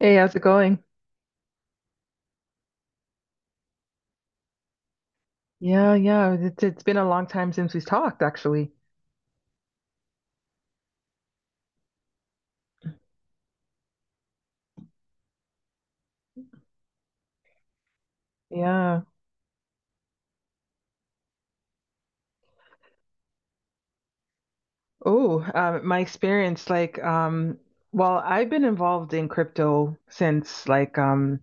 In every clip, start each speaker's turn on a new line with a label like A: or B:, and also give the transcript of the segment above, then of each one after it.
A: Hey, how's it going? Yeah, yeah. It's been a long time since we've talked, actually. Yeah. Oh, my experience, I've been involved in crypto since like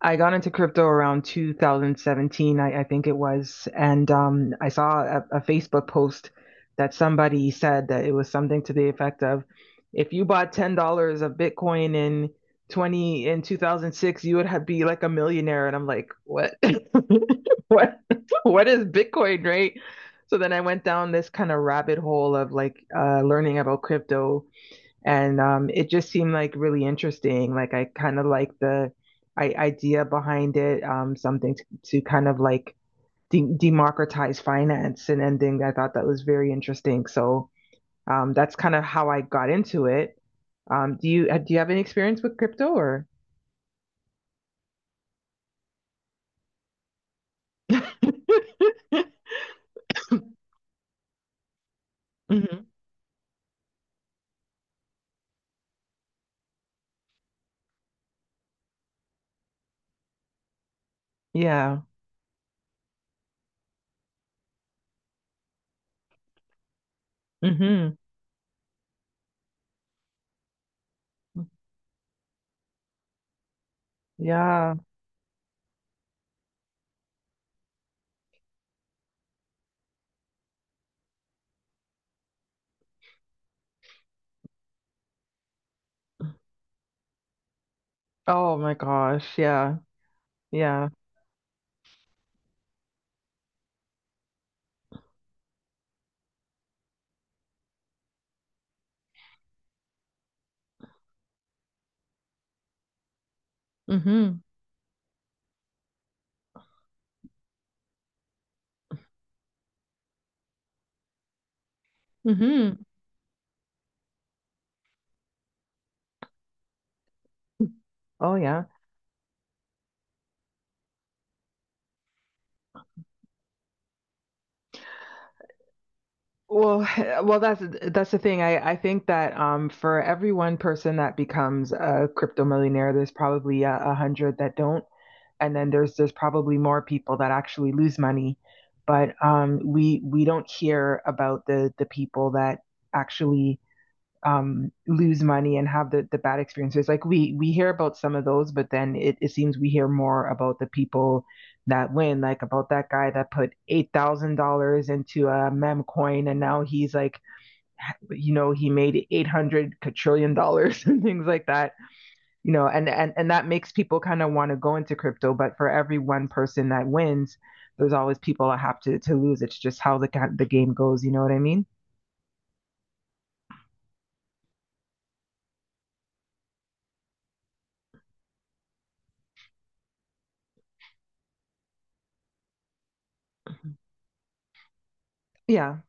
A: I got into crypto around 2017, I think it was, and I saw a Facebook post that somebody said that it was something to the effect of, if you bought $10 of Bitcoin in 20 in 2006, you would have be like a millionaire. And I'm like, what? What? What is Bitcoin, right? So then I went down this kind of rabbit hole of like learning about crypto and it just seemed like really interesting. Like I kind of like the idea behind it, something to kind of like democratize finance and ending. I thought that was very interesting. So that's kind of how I got into it. Do you have any experience with crypto or? Hmm. Yeah. Hmm. Yeah. Oh my gosh. Yeah. Yeah. Hmm. Hmm. Oh yeah. Well, well, that's the thing. I think that for every one person that becomes a crypto millionaire, there's probably a hundred that don't, and then there's probably more people that actually lose money. But we don't hear about the people that actually lose money and have the bad experiences. Like we hear about some of those, but then it seems we hear more about the people that win, like about that guy that put $8,000 into a mem coin and now he's like, you know, he made 800 quadrillion dollars and things like that. And and that makes people kind of want to go into crypto. But for every one person that wins, there's always people that have to lose. It's just how the game goes. You know what I mean? Mhm. Yeah.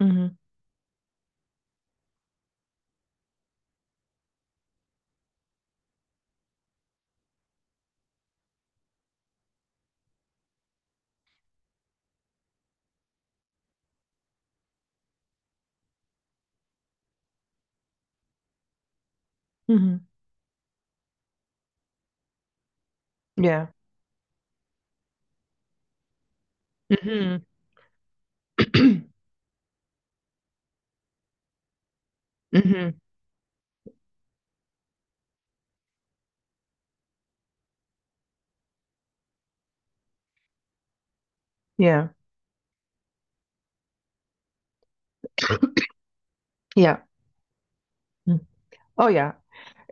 A: Hmm. Hmm. Yeah. Hmm. Hmm. Yeah. Yeah. Mm. Oh, yeah.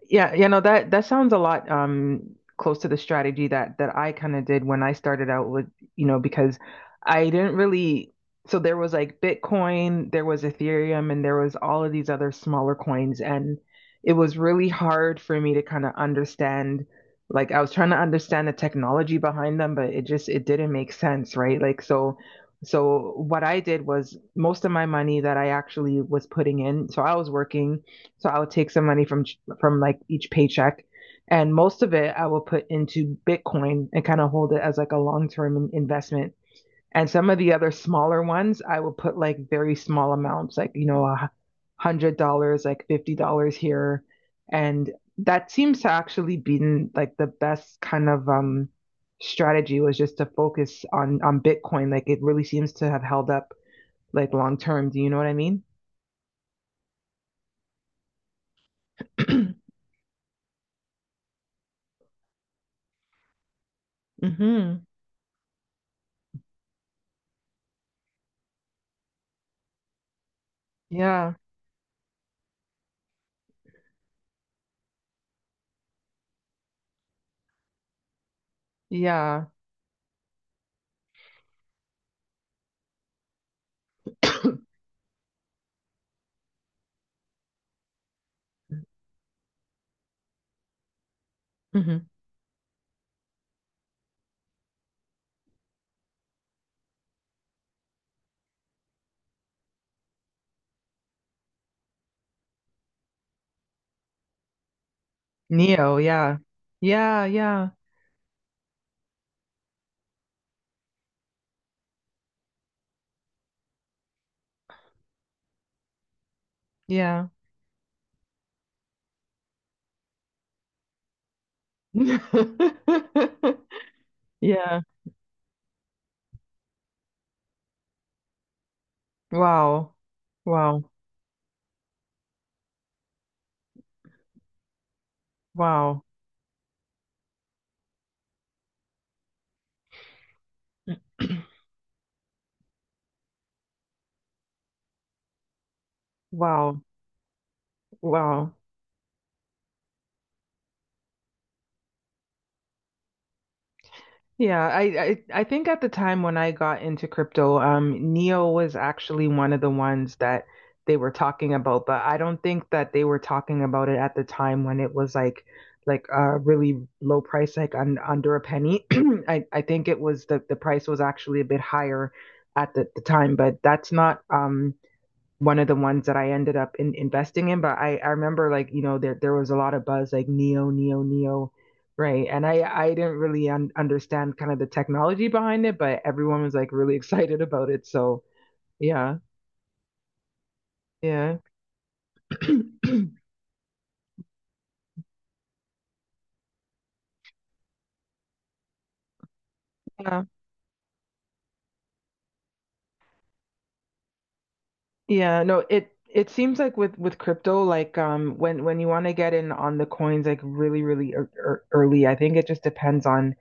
A: Yeah, you know that that sounds a lot close to the strategy that that I kind of did when I started out with, you know, because I didn't really so there was like Bitcoin, there was Ethereum, and there was all of these other smaller coins and it was really hard for me to kind of understand like I was trying to understand the technology behind them, but it just it didn't make sense, right? Like so so what I did was most of my money that I actually was putting in, so I was working so I would take some money from like each paycheck. And most of it I will put into Bitcoin and kind of hold it as like a long term investment. And some of the other smaller ones, I will put like very small amounts, like, you know, $100, like $50 here. And that seems to actually been like the best kind of strategy was just to focus on Bitcoin. Like it really seems to have held up like long term. Do you know what I mean? hmm Yeah. Yeah. Mhm. Neo, yeah. Yeah, yeah, yeah. Yeah. Wow. Wow. Wow. Wow. Wow. Yeah, I think at the time when I got into crypto, Neo was actually one of the ones that they were talking about, but I don't think that they were talking about it at the time when it was like a really low price, like under a penny. I think it was the price was actually a bit higher at the time, but that's not one of the ones that I ended up investing in. But I remember like, you know, there was a lot of buzz like Neo, Neo, Neo, right? And I didn't really un understand kind of the technology behind it, but everyone was like really excited about it. So yeah, yeah. Yeah. Yeah, no, it seems like with crypto, like when you want to get in on the coins like really really early, I think it just depends on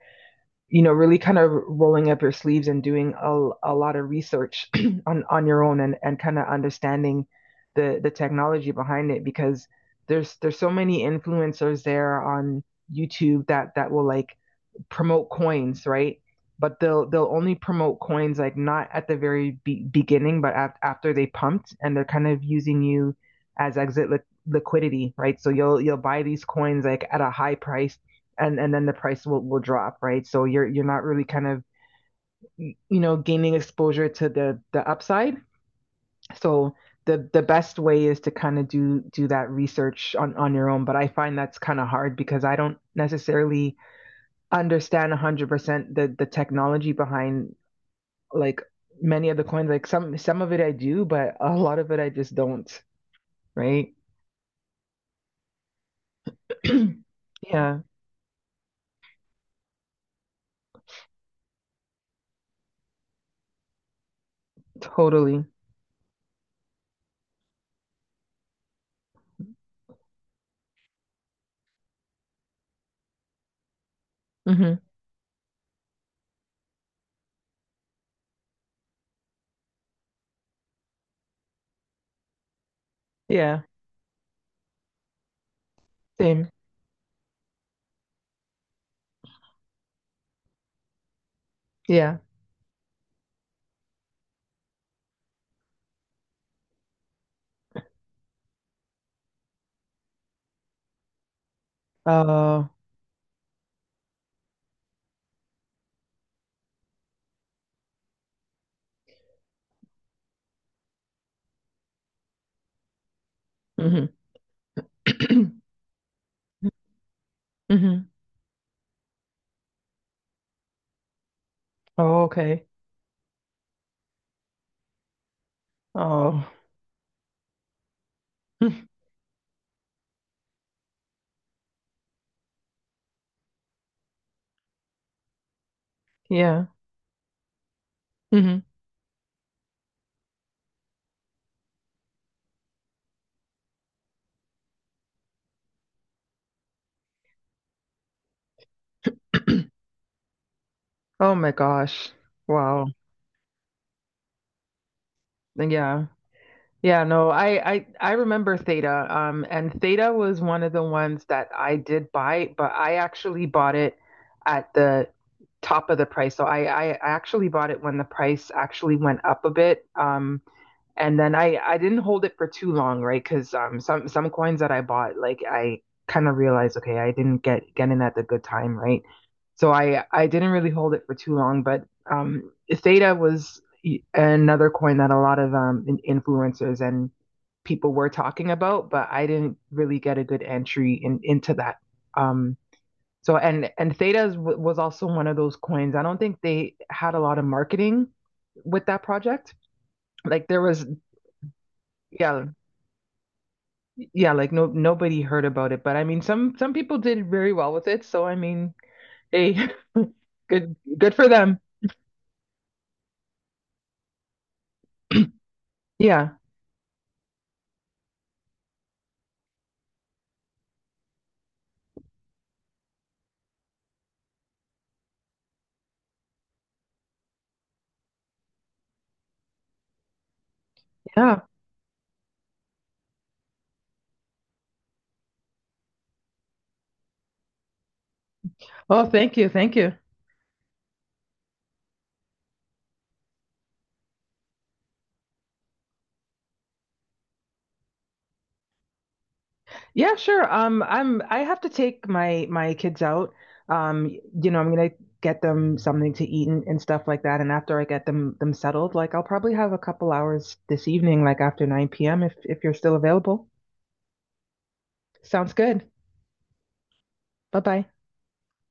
A: you know, really kind of rolling up your sleeves and doing a lot of research on your own and kind of understanding the technology behind it because there's so many influencers there on YouTube that that will like promote coins, right? But they'll only promote coins like not at the very beginning, but after they pumped, and they're kind of using you as exit liquidity, right? So you'll buy these coins like at a high price, and then the price will drop, right? So you're not really kind of you know gaining exposure to the upside. So the best way is to kind of do that research on your own. But I find that's kind of hard because I don't necessarily understand 100% the technology behind like many of the coins like some of it I do but a lot of it I just don't right yeah totally hmm yeah same yeah uh hmm hmm oh okay oh yeah hmm oh my gosh wow yeah Yeah, no, I remember Theta. And Theta was one of the ones that I did buy, but I actually bought it at the top of the price. So I actually bought it when the price actually went up a bit. And then I didn't hold it for too long, right? Because some coins that I bought, like I kind of realized, okay, I didn't get in at the good time, right? So I didn't really hold it for too long, but Theta was another coin that a lot of influencers and people were talking about, but I didn't really get a good entry in into that. Um so and Theta was also one of those coins. I don't think they had a lot of marketing with that project. Like there was yeah. Yeah, like no nobody heard about it, but I mean some people did very well with it, so I mean, hey, good for them. Yeah. Yeah. Oh, thank you. Thank you. Yeah, sure. I'm I have to take my my kids out. Um you know, I'm gonna get them something to eat and stuff like that, and after I get them them settled, like I'll probably have a couple hours this evening, like after 9 p.m. If you're still available. Sounds good. Bye-bye.